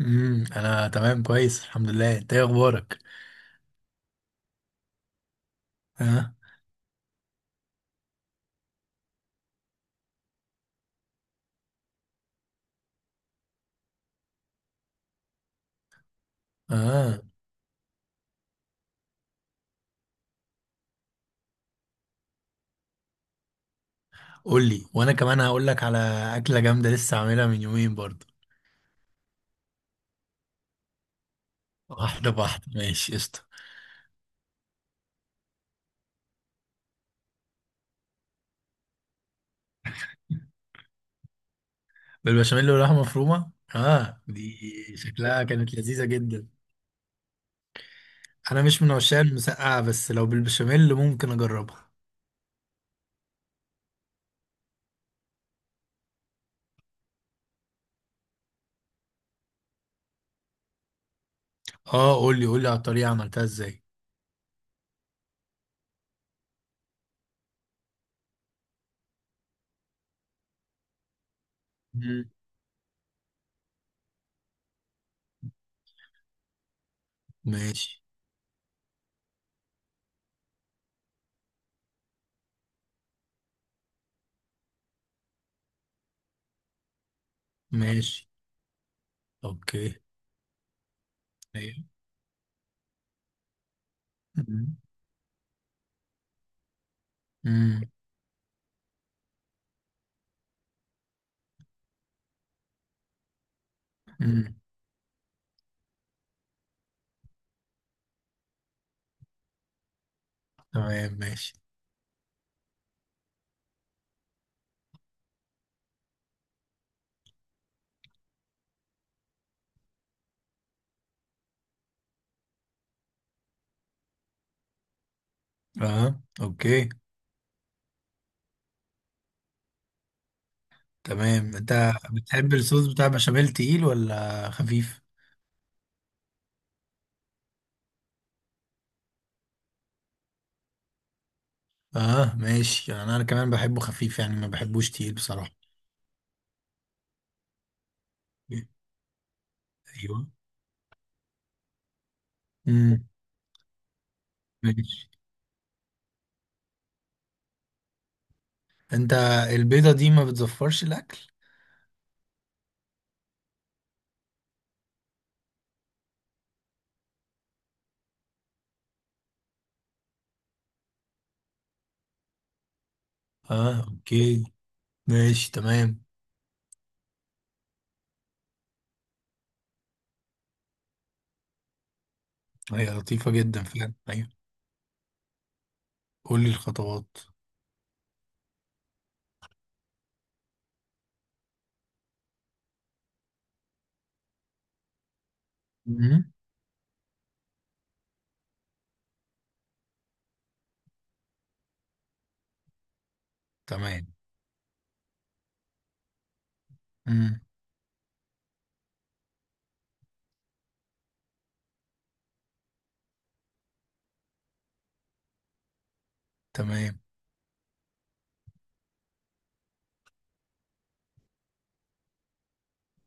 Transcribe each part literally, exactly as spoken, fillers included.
امم انا تمام كويس، الحمد لله. انت ايه اخبارك؟ اه. اه، قول لي وانا كمان هقول لك على اكله جامده لسه عاملها من يومين برضه. واحده بواحده، ماشي قشطه. بالبشاميل واللحمه مفرومه، اه دي شكلها كانت لذيذه جدا. انا مش من عشاق المسقعه بس لو بالبشاميل ممكن اجربها. اه قول لي، قول لي على الطريقه عملتها ازاي. مم. ماشي. ماشي. اوكي. ايوه. امم امم تمام ماشي. اه اوكي. تمام، انت بتحب الصوص بتاع بشاميل تقيل ولا خفيف؟ اه ماشي، يعني انا كمان بحبه خفيف، يعني ما بحبوش تقيل بصراحة. ايوه. امم ماشي. انت البيضة دي ما بتزفرش الاكل؟ اه اوكي. ماشي تمام. هي لطيفة جدا فعلا، ايوه. قول لي الخطوات. امم تمام. امم تمام.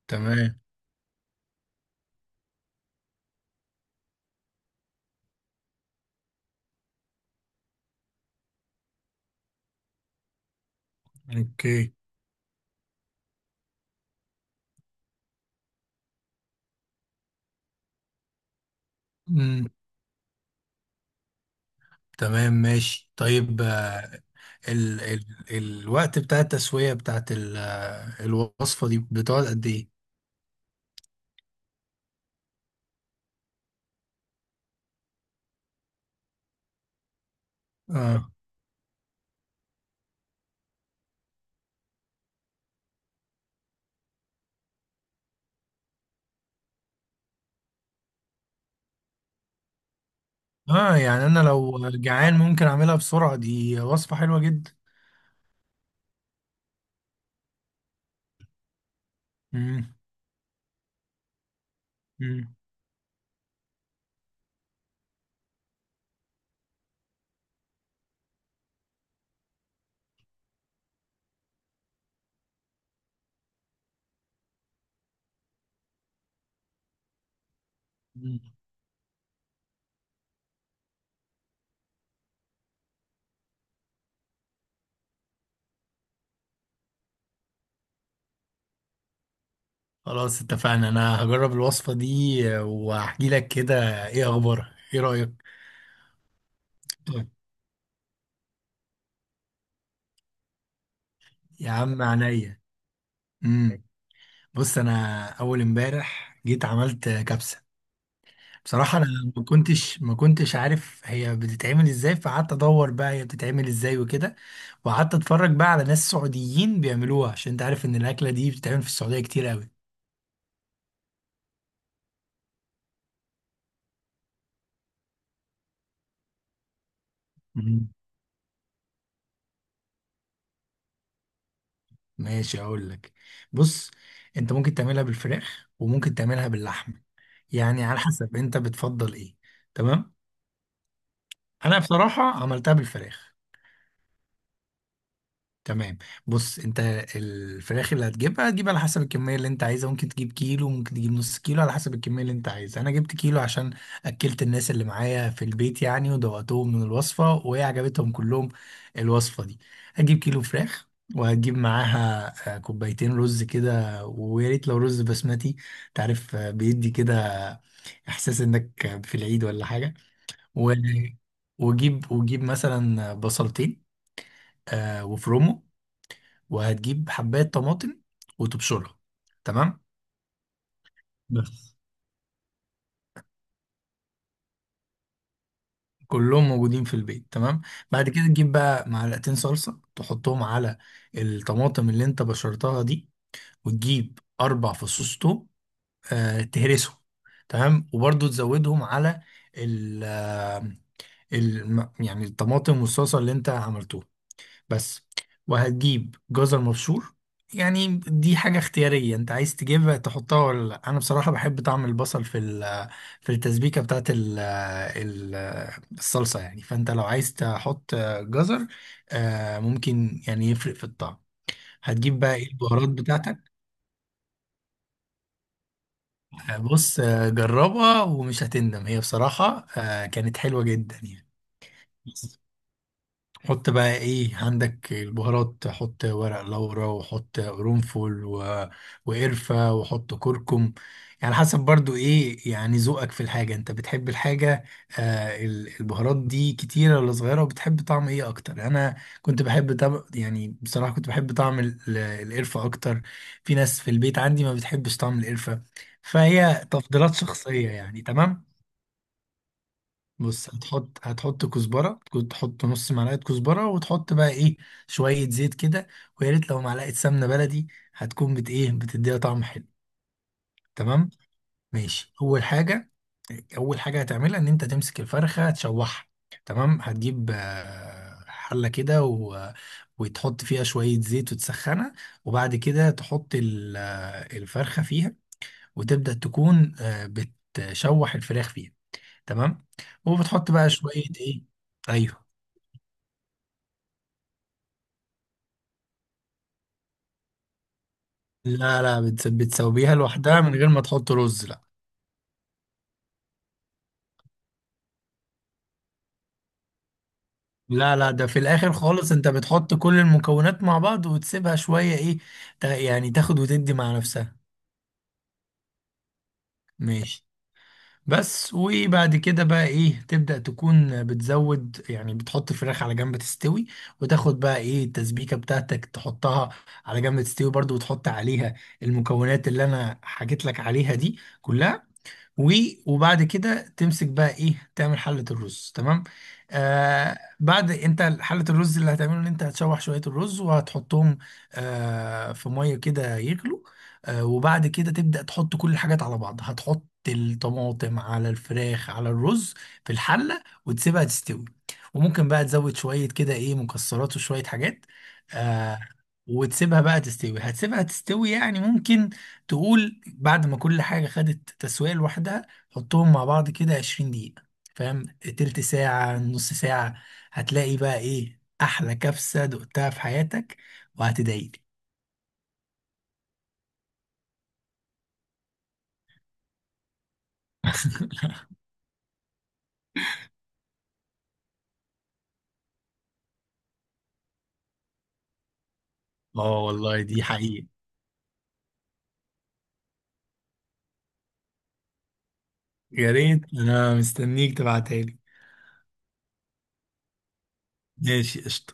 تمام. اوكي. تمام ماشي طيب. آه، ال ال الوقت بتاع التسوية بتاعت ال- آه، الوصفة دي بتقعد قد ايه؟ اه. اه يعني انا لو جعان ممكن اعملها بسرعة، دي وصفة حلوة جدا. مم. مم. مم. خلاص اتفقنا، انا هجرب الوصفة دي وهحكي لك كده ايه اخبارها، ايه رأيك؟ طيب. يا عم عينيا. مم. بص، انا اول امبارح جيت عملت كبسة. بصراحة أنا ما كنتش ما كنتش عارف هي بتتعمل إزاي، فقعدت أدور بقى هي بتتعمل إزاي وكده. وقعدت أتفرج بقى على ناس سعوديين بيعملوها، عشان أنت عارف إن الأكلة دي بتتعمل في السعودية كتير أوي. مم. ماشي أقول لك. بص، أنت ممكن تعملها بالفراخ وممكن تعملها باللحمة، يعني على حسب أنت بتفضل إيه. تمام. أنا بصراحة عملتها بالفراخ. تمام. بص انت، الفراخ اللي هتجيبها هتجيب على حسب الكميه اللي انت عايزها، ممكن تجيب كيلو ممكن تجيب نص كيلو على حسب الكميه اللي انت عايزها. انا جبت كيلو عشان اكلت الناس اللي معايا في البيت، يعني ودوقتهم من الوصفه وهي عجبتهم كلهم الوصفه دي. هتجيب كيلو فراخ، وهتجيب معاها آه، كوبايتين رز كده، ويا ريت لو رز بسمتي. تعرف آه، بيدي كده احساس انك في العيد ولا حاجه. و... وجيب، وجيب مثلا بصلتين آه، وفرومه. وهتجيب حباية طماطم وتبشرها، تمام؟ بس. كلهم موجودين في البيت تمام. بعد كده تجيب بقى معلقتين صلصة تحطهم على الطماطم اللي انت بشرتها دي، وتجيب اربع فصوص توم آه تهرسهم. تمام وبرضو تزودهم على ال آه، الم- يعني الطماطم والصلصة اللي انت عملتوها. بس. وهتجيب جزر مبشور، يعني دي حاجة اختيارية انت عايز تجيبها تحطها ولا لا. انا بصراحة بحب طعم البصل في ال- في التسبيكة بتاعت ال- ال- الصلصة، يعني فانت لو عايز تحط جزر آه، ممكن يعني يفرق في الطعم. هتجيب بقى ايه البهارات بتاعتك؟ آه، بص آه، جربها ومش هتندم، هي بصراحة آه، كانت حلوة جدا يعني. حط بقى ايه عندك البهارات، حط ورق لورا وحط قرنفل و... وقرفة وحط كركم. يعني حسب برضو ايه يعني ذوقك في الحاجة، انت بتحب الحاجة آه ال- البهارات دي كتيرة ولا صغيرة، وبتحب طعم ايه اكتر. انا كنت بحب طب... يعني بصراحة كنت بحب طعم ال- ال- القرفة اكتر. في ناس في البيت عندي ما بتحبش طعم القرفة، فهي تفضيلات شخصية يعني. تمام. بص هتحط هتحط كزبرة، كنت تحط نص معلقة كزبرة، وتحط بقى ايه شوية زيت كده، ويا ريت لو معلقة سمنة بلدي هتكون بت ايه بتديها طعم حلو. تمام. ماشي أول حاجة، أول حاجة هتعملها إن أنت تمسك الفرخة تشوحها. تمام، هتجيب آه، حلة كده و... وتحط فيها شوية زيت وتسخنها، وبعد كده تحط ال- آه، الفرخة فيها، وتبدأ تكون آه، بتشوح الفراخ فيها. تمام. وبتحط بقى شوية ايه. ايوه. لا لا، بتس- بتسويها لوحدها من غير ما تحط رز، لا. لا لا، ده في الاخر خالص انت بتحط كل المكونات مع بعض وتسيبها شوية ايه تا- يعني تاخد وتدي مع نفسها. ماشي. بس، وبعد كده بقى ايه تبدأ تكون بتزود، يعني بتحط الفراخ على جنب تستوي، وتاخد بقى ايه التسبيكة بتاعتك تحطها على جنب تستوي برضو، وتحط عليها المكونات اللي انا حكيت لك عليها دي كلها. و- وبعد كده تمسك بقى ايه تعمل حلة الرز. تمام. آه بعد انت حلة الرز اللي هتعمله ان انت هتشوح شوية الرز وهتحطهم آه في مية كده يغلوا، آه وبعد كده تبدأ تحط كل الحاجات على بعض، هتحط الطماطم على الفراخ على الرز في الحلة وتسيبها تستوي. وممكن بقى تزود شوية كده ايه مكسرات وشوية حاجات آه. وتسيبها بقى تستوي، هتسيبها تستوي يعني ممكن تقول بعد ما كل حاجة خدت تسوية لوحدها حطهم مع بعض كده عشرين دقيقة فاهم، تلت ساعة نص ساعة. هتلاقي بقى ايه أحلى كبسة دقتها في حياتك، وهتدعيلي. اه والله دي حقيقة. يا ريت انا مستنيك تبعتها لي. ماشي قشطة.